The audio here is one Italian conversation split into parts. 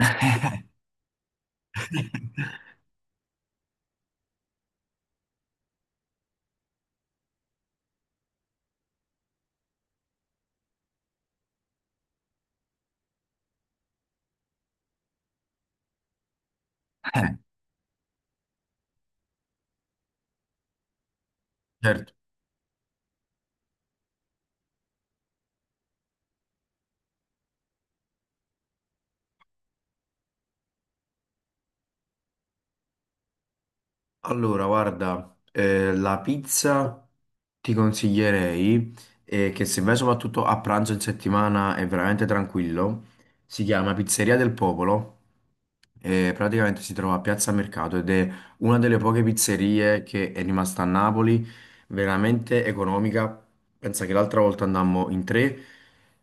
Eh, Certo. Allora, guarda, la pizza ti consiglierei, che se vai soprattutto a pranzo in settimana è veramente tranquillo. Si chiama Pizzeria del Popolo. Praticamente si trova a Piazza Mercato ed è una delle poche pizzerie che è rimasta a Napoli, veramente economica. Pensa che l'altra volta andammo in tre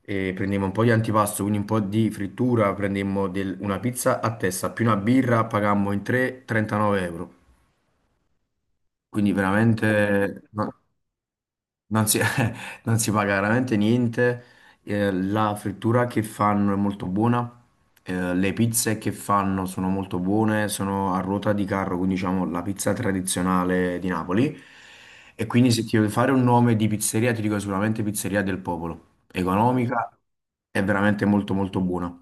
e prendemmo un po' di antipasto, quindi un po' di frittura, una pizza a testa più una birra, pagammo in tre 39 euro. Quindi veramente no- non si, non si paga veramente niente. La frittura che fanno è molto buona. Le pizze che fanno sono molto buone, sono a ruota di carro, quindi diciamo la pizza tradizionale di Napoli. E quindi se ti devo fare un nome di pizzeria, ti dico sicuramente Pizzeria del Popolo. Economica, è veramente molto molto buona.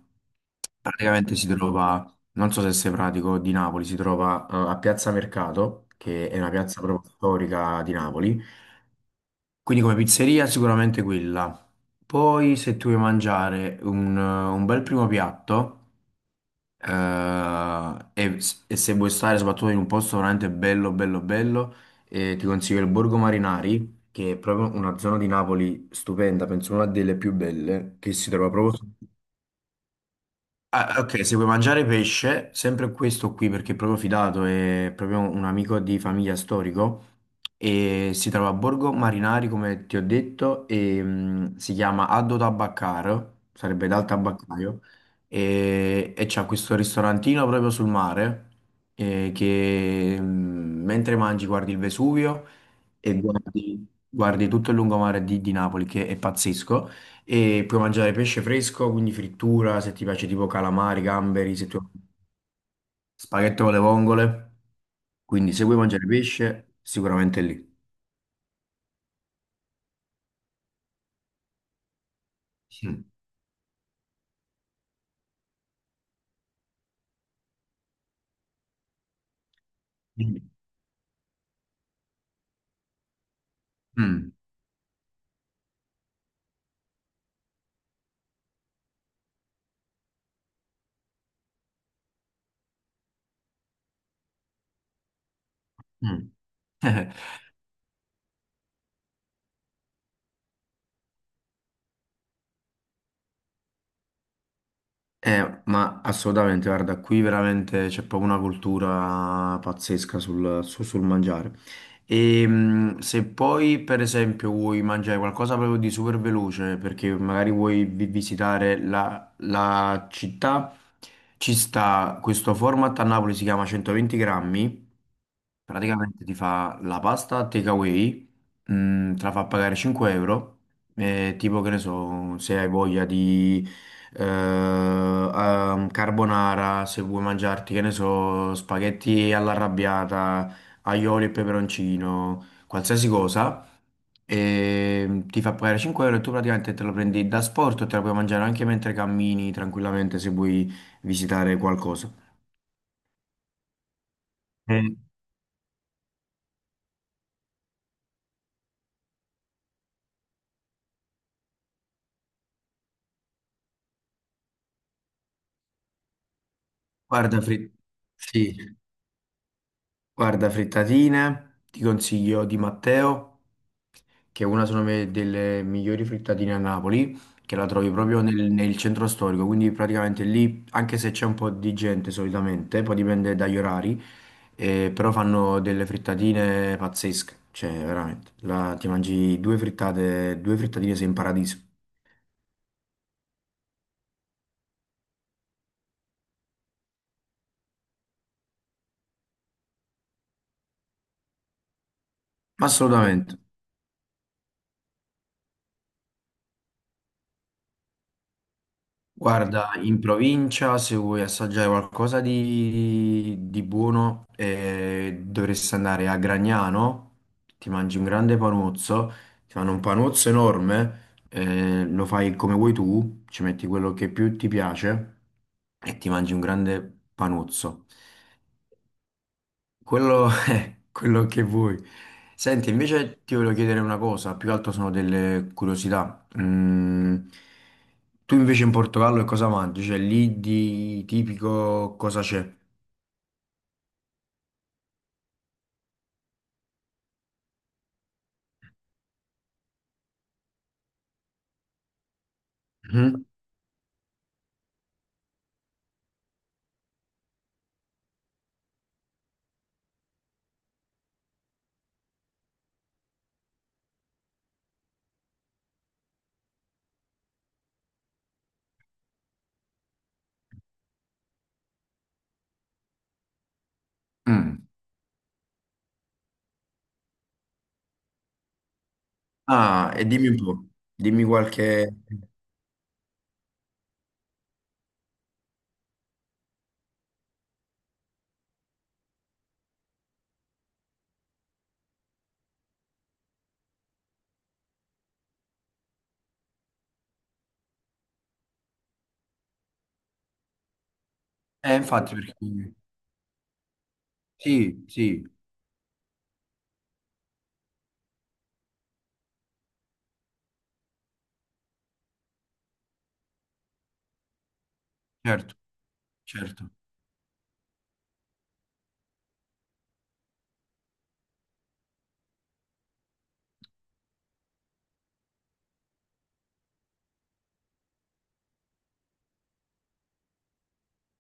Praticamente si trova, non so se sei pratico, di Napoli, si trova a Piazza Mercato, che è una piazza proprio storica di Napoli. Quindi come pizzeria sicuramente quella. Poi se tu vuoi mangiare un bel primo piatto eh, e, e se vuoi stare soprattutto in un posto veramente bello, bello, bello, ti consiglio il Borgo Marinari, che è proprio una zona di Napoli stupenda, penso una delle più belle, che si trova proprio... Ah, ok, se vuoi mangiare pesce, sempre questo qui perché è proprio fidato, è proprio un amico di famiglia storico e si trova a Borgo Marinari, come ti ho detto, e si chiama Addo Tabaccar, sarebbe dal tabaccaio, e c'ha questo ristorantino proprio sul mare che mentre mangi guardi il Vesuvio e guardi, guardi tutto il lungomare di Napoli, che è pazzesco. E puoi mangiare pesce fresco, quindi frittura, se ti piace tipo calamari, gamberi, se tu... spaghetto con le vongole. Quindi se vuoi mangiare pesce, sicuramente è lì. Mm. Mm. Mm. Eh, ma assolutamente, guarda, qui veramente c'è proprio una cultura pazzesca sul mangiare. E se poi, per esempio, vuoi mangiare qualcosa proprio di super veloce, perché magari visitare la città, ci sta questo format a Napoli, si chiama 120 grammi. Praticamente ti fa la pasta takeaway, te la fa pagare 5 euro, tipo che ne so, se hai voglia di carbonara, se vuoi mangiarti, che ne so, spaghetti all'arrabbiata, aioli e peperoncino, qualsiasi cosa, e ti fa pagare 5 euro e tu praticamente te lo prendi da sport, te la puoi mangiare anche mentre cammini tranquillamente se vuoi visitare qualcosa. Eh, guarda, Fri- sì, guarda, frittatine, ti consiglio di Matteo, che è una sono me- delle migliori frittatine a Napoli, che la trovi proprio nel centro storico, quindi praticamente lì, anche se c'è un po' di gente solitamente, poi dipende dagli orari, però fanno delle frittatine pazzesche, cioè veramente, ti mangi due frittate, due frittatine sei in paradiso. Mm, assolutamente. Guarda, in provincia se vuoi assaggiare qualcosa di buono dovresti andare a Gragnano, ti mangi un grande panuzzo, ti fanno un panuzzo enorme, lo fai come vuoi tu, ci metti quello che più ti piace e ti mangi un grande panuzzo. Quello è quello che vuoi. Senti, invece ti voglio chiedere una cosa, più che altro sono delle curiosità. Mm, tu invece in Portogallo che cosa mangi? Cioè lì di tipico cosa c'è? Mhm. Mm. Ah, e dimmi un po', dimmi qualche... infatti, perché... Sì, sì, certo, certo.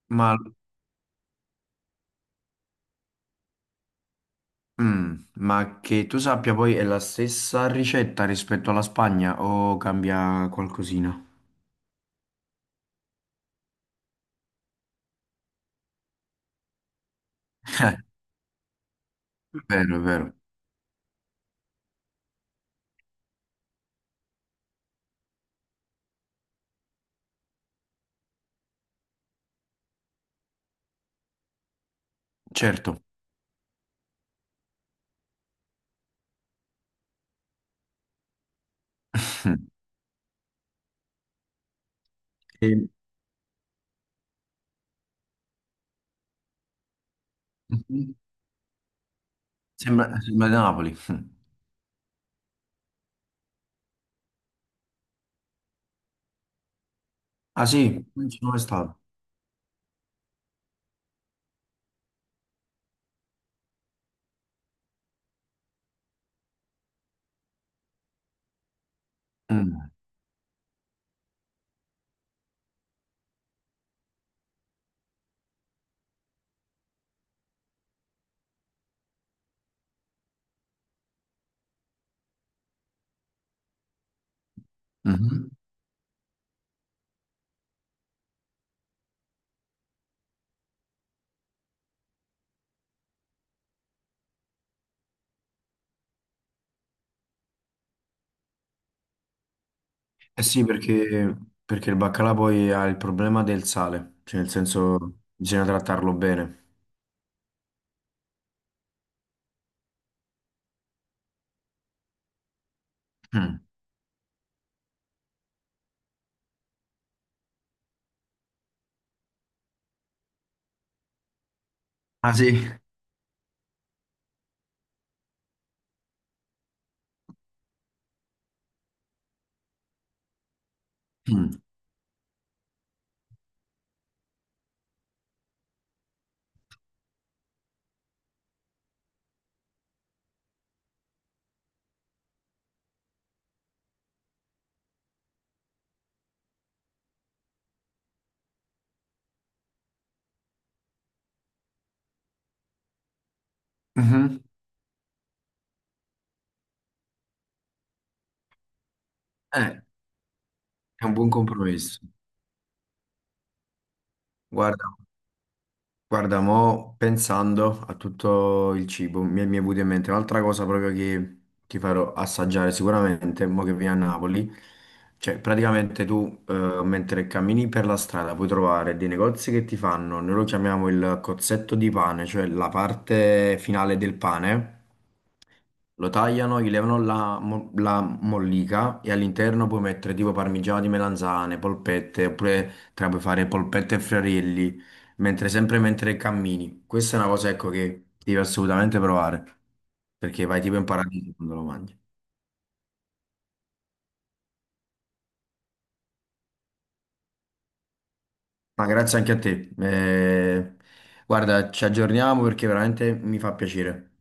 Ma, ma che tu sappia poi è la stessa ricetta rispetto alla Spagna o cambia qualcosina? Vero, è vero, certo. E- Sembra, sembra di Napoli. Ah sì, non ci sono mai stato. Mm. Mhm. Eh sì, perché, perché il baccalà poi ha il problema del sale, cioè nel senso bisogna trattarlo bene. Mm. Ah sì? Mm. Mhm. Eh, è un buon compromesso. Guarda. Guarda, mo pensando a tutto il cibo, mi è venuta in mente un'altra cosa proprio che ti farò assaggiare sicuramente, mo che vieni a Napoli. Cioè, praticamente tu, mentre cammini per la strada, puoi trovare dei negozi che ti fanno, noi lo chiamiamo il cozzetto di pane, cioè la parte finale del pane. Lo tagliano, gli levano la mollica e all'interno puoi mettere tipo parmigiano di melanzane, polpette, oppure te la puoi fare polpette e friarelli, mentre sempre mentre cammini. Questa è una cosa, ecco, che devi assolutamente provare, perché vai tipo in paradiso quando lo mangi. Ma grazie anche a te. Guarda, ci aggiorniamo perché veramente mi fa piacere.